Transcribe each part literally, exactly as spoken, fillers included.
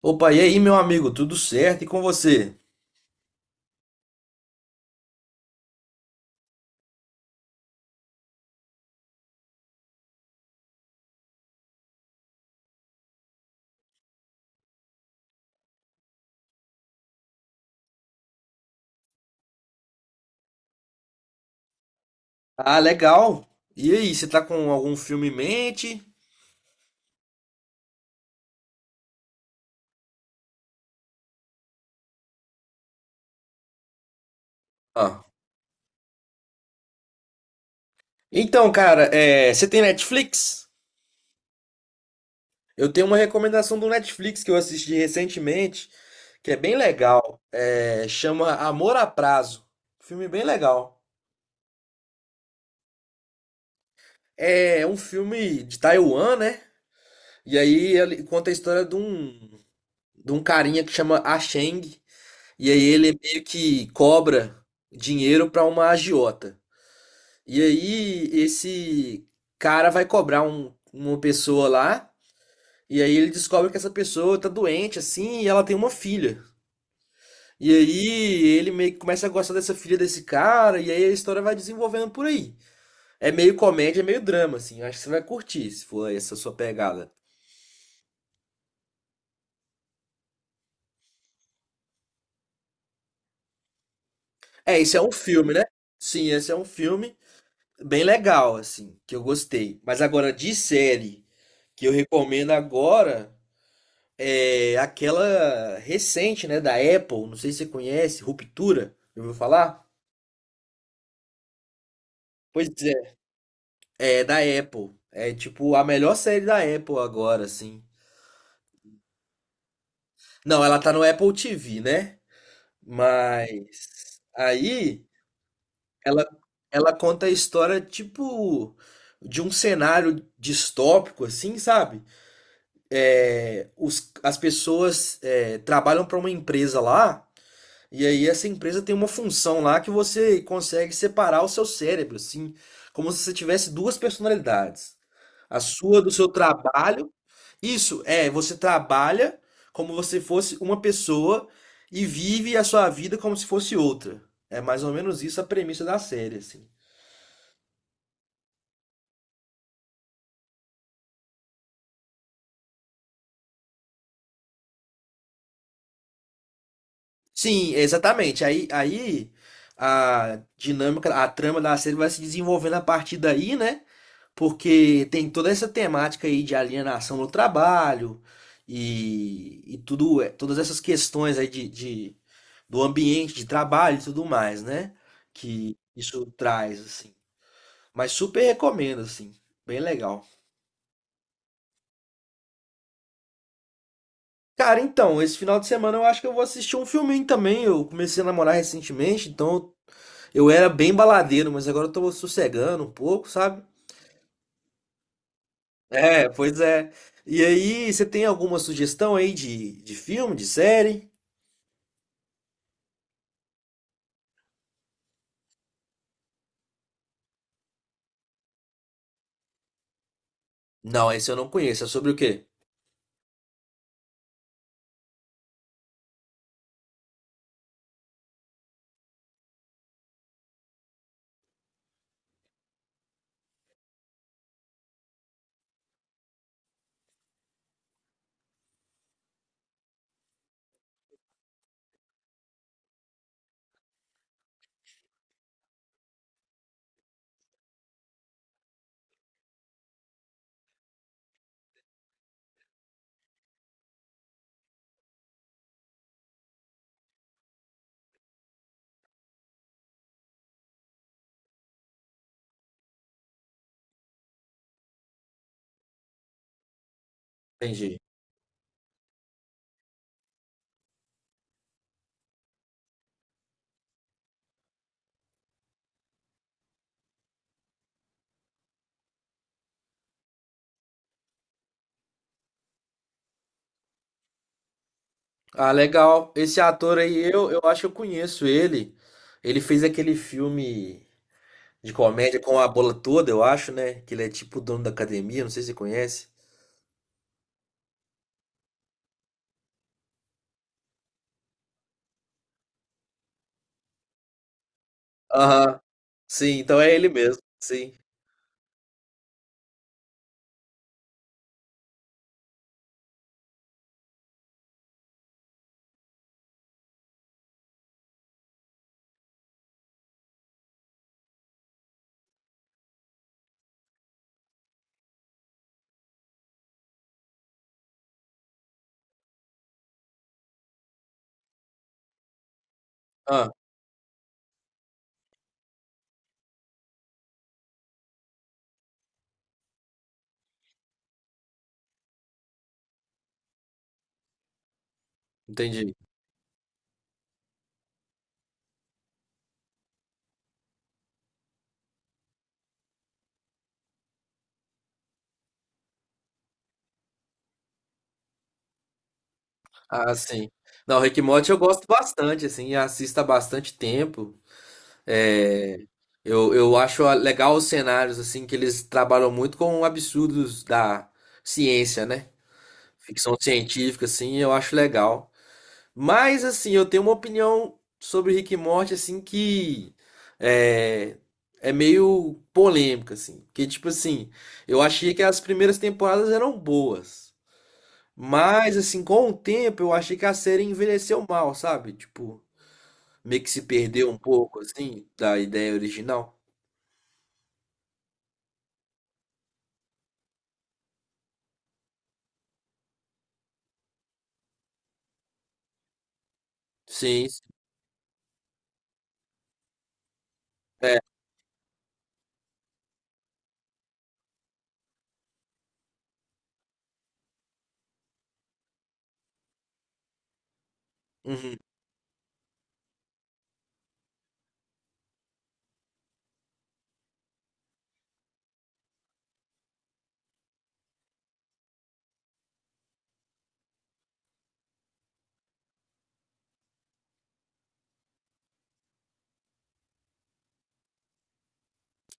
Opa, e aí, meu amigo, tudo certo? E com você? Ah, legal. E aí, você tá com algum filme em mente? Ah. Então, cara, é, você tem Netflix? Eu tenho uma recomendação do Netflix que eu assisti recentemente, que é bem legal. É, chama Amor a Prazo. Filme bem legal. É um filme de Taiwan, né? E aí ele conta a história de um, de um carinha que chama Ah Cheng. E aí ele meio que cobra dinheiro pra uma agiota. E aí esse cara vai cobrar um- uma pessoa lá, e aí ele descobre que essa pessoa tá doente assim, e ela tem uma filha. E aí ele meio que começa a gostar dessa filha desse cara, e aí a história vai desenvolvendo por aí. É meio comédia, é meio drama assim. Eu acho que você vai curtir, se for essa sua pegada. É, esse é um filme, né? Sim, esse é um filme bem legal assim, que eu gostei. Mas agora de série que eu recomendo agora, é, aquela recente, né, da Apple, não sei se você conhece, Ruptura, já ouviu falar? Pois é, é da Apple. É tipo a melhor série da Apple agora, assim. Não, ela tá no Apple T V, né? Mas aí ela ela conta a história tipo de um cenário distópico, assim, sabe? É, os- as pessoas é, trabalham para uma empresa lá. E aí essa empresa tem uma função lá que você consegue separar o seu cérebro, assim, como se você tivesse duas personalidades. A sua do seu trabalho. Isso, é, você trabalha como você fosse uma pessoa e vive a sua vida como se fosse outra. É mais ou menos isso a premissa da série, assim. Sim, exatamente. Aí, aí a dinâmica, a trama da série vai se desenvolvendo a partir daí, né? Porque tem toda essa temática aí de alienação no trabalho e, e tudo, é- todas essas questões aí de, de- do ambiente de trabalho e tudo mais, né? Que isso traz, assim. Mas super recomendo, assim. Bem legal. Cara, então, esse final de semana eu acho que eu vou assistir um filminho também. Eu comecei a namorar recentemente, então eu era bem baladeiro, mas agora eu tô sossegando um pouco, sabe? É, pois é. E aí, você tem alguma sugestão aí de, de filme, de série? Não, esse eu não conheço. É sobre o quê? Entendi. Ah, legal. Esse ator aí, eu, eu acho que eu conheço ele. Ele fez aquele filme de comédia com a bola toda, eu acho, né? Que ele é tipo o dono da academia, não sei se você conhece. Aham. Sim, então é ele mesmo. Sim. Ah, entendi. Ah, sim. Não, Rick e Morty eu gosto bastante, assim, assisto há bastante tempo. É, eu, eu acho legal os cenários, assim, que eles trabalham muito com absurdos da ciência, né? Ficção científica, assim, eu acho legal. Mas, assim, eu tenho uma opinião sobre Rick e Morty, assim, que é, é meio polêmica, assim. Porque, tipo assim, eu achei que as primeiras temporadas eram boas. Mas, assim, com o tempo, eu achei que a série envelheceu mal, sabe? Tipo, meio que se perdeu um pouco, assim, da ideia original. Sim, sim. É, uhum.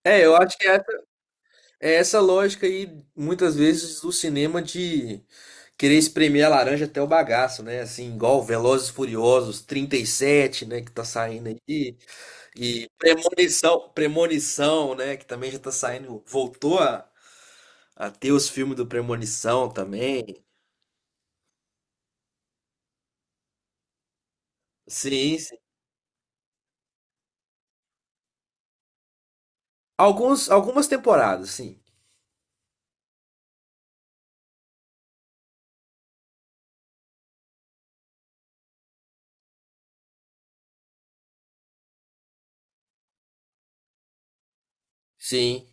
É, eu acho que é essa é essa lógica aí, muitas vezes, do cinema de querer espremer a laranja até o bagaço, né? Assim, igual Velozes e Furiosos trinta e sete, né? Que tá saindo aí. E Premonição, Premonição, né? Que também já tá saindo. Voltou a, a ter os filmes do Premonição também. Sim, sim. Alguns, algumas temporadas, sim. Sim,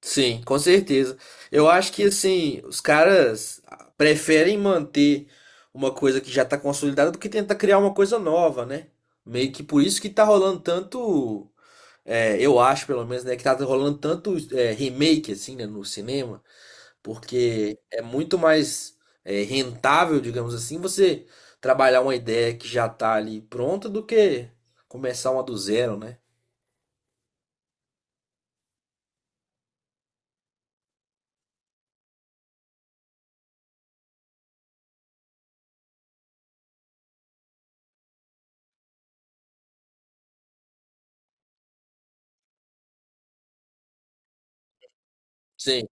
sim, com certeza. Eu acho que, assim, os caras preferem manter uma coisa que já tá consolidada do que tentar criar uma coisa nova, né? Meio que por isso que tá rolando tanto. É, eu acho, pelo menos, né, que tá rolando tanto é, remake, assim, né, no cinema, porque é muito mais é, rentável, digamos assim, você trabalhar uma ideia que já tá ali pronta do que começar uma do zero, né? Sim.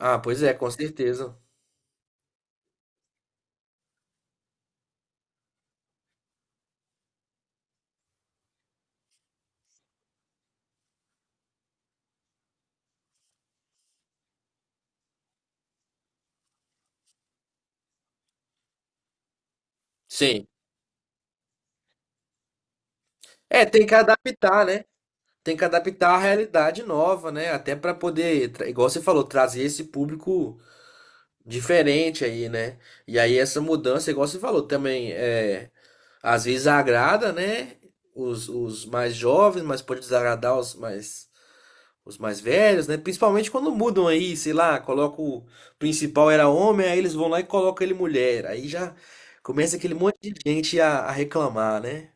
Ah, pois é, com certeza. Sim. É, tem que adaptar, né? Tem que adaptar à realidade nova, né? Até para poder, tra- igual você falou, trazer esse público diferente aí, né? E aí essa mudança, igual você falou, também é. Às vezes agrada, né? Os, os mais jovens, mas pode desagradar os mais, os mais velhos, né? Principalmente quando mudam aí, sei lá, coloca o principal era homem, aí eles vão lá e colocam ele mulher. Aí já começa aquele monte de gente a, a reclamar, né?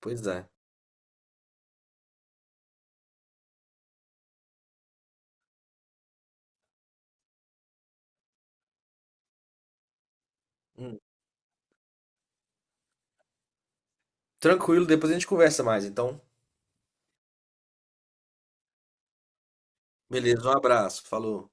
Pois é. Hum. Tranquilo, depois a gente conversa mais. Então, beleza, um abraço, falou.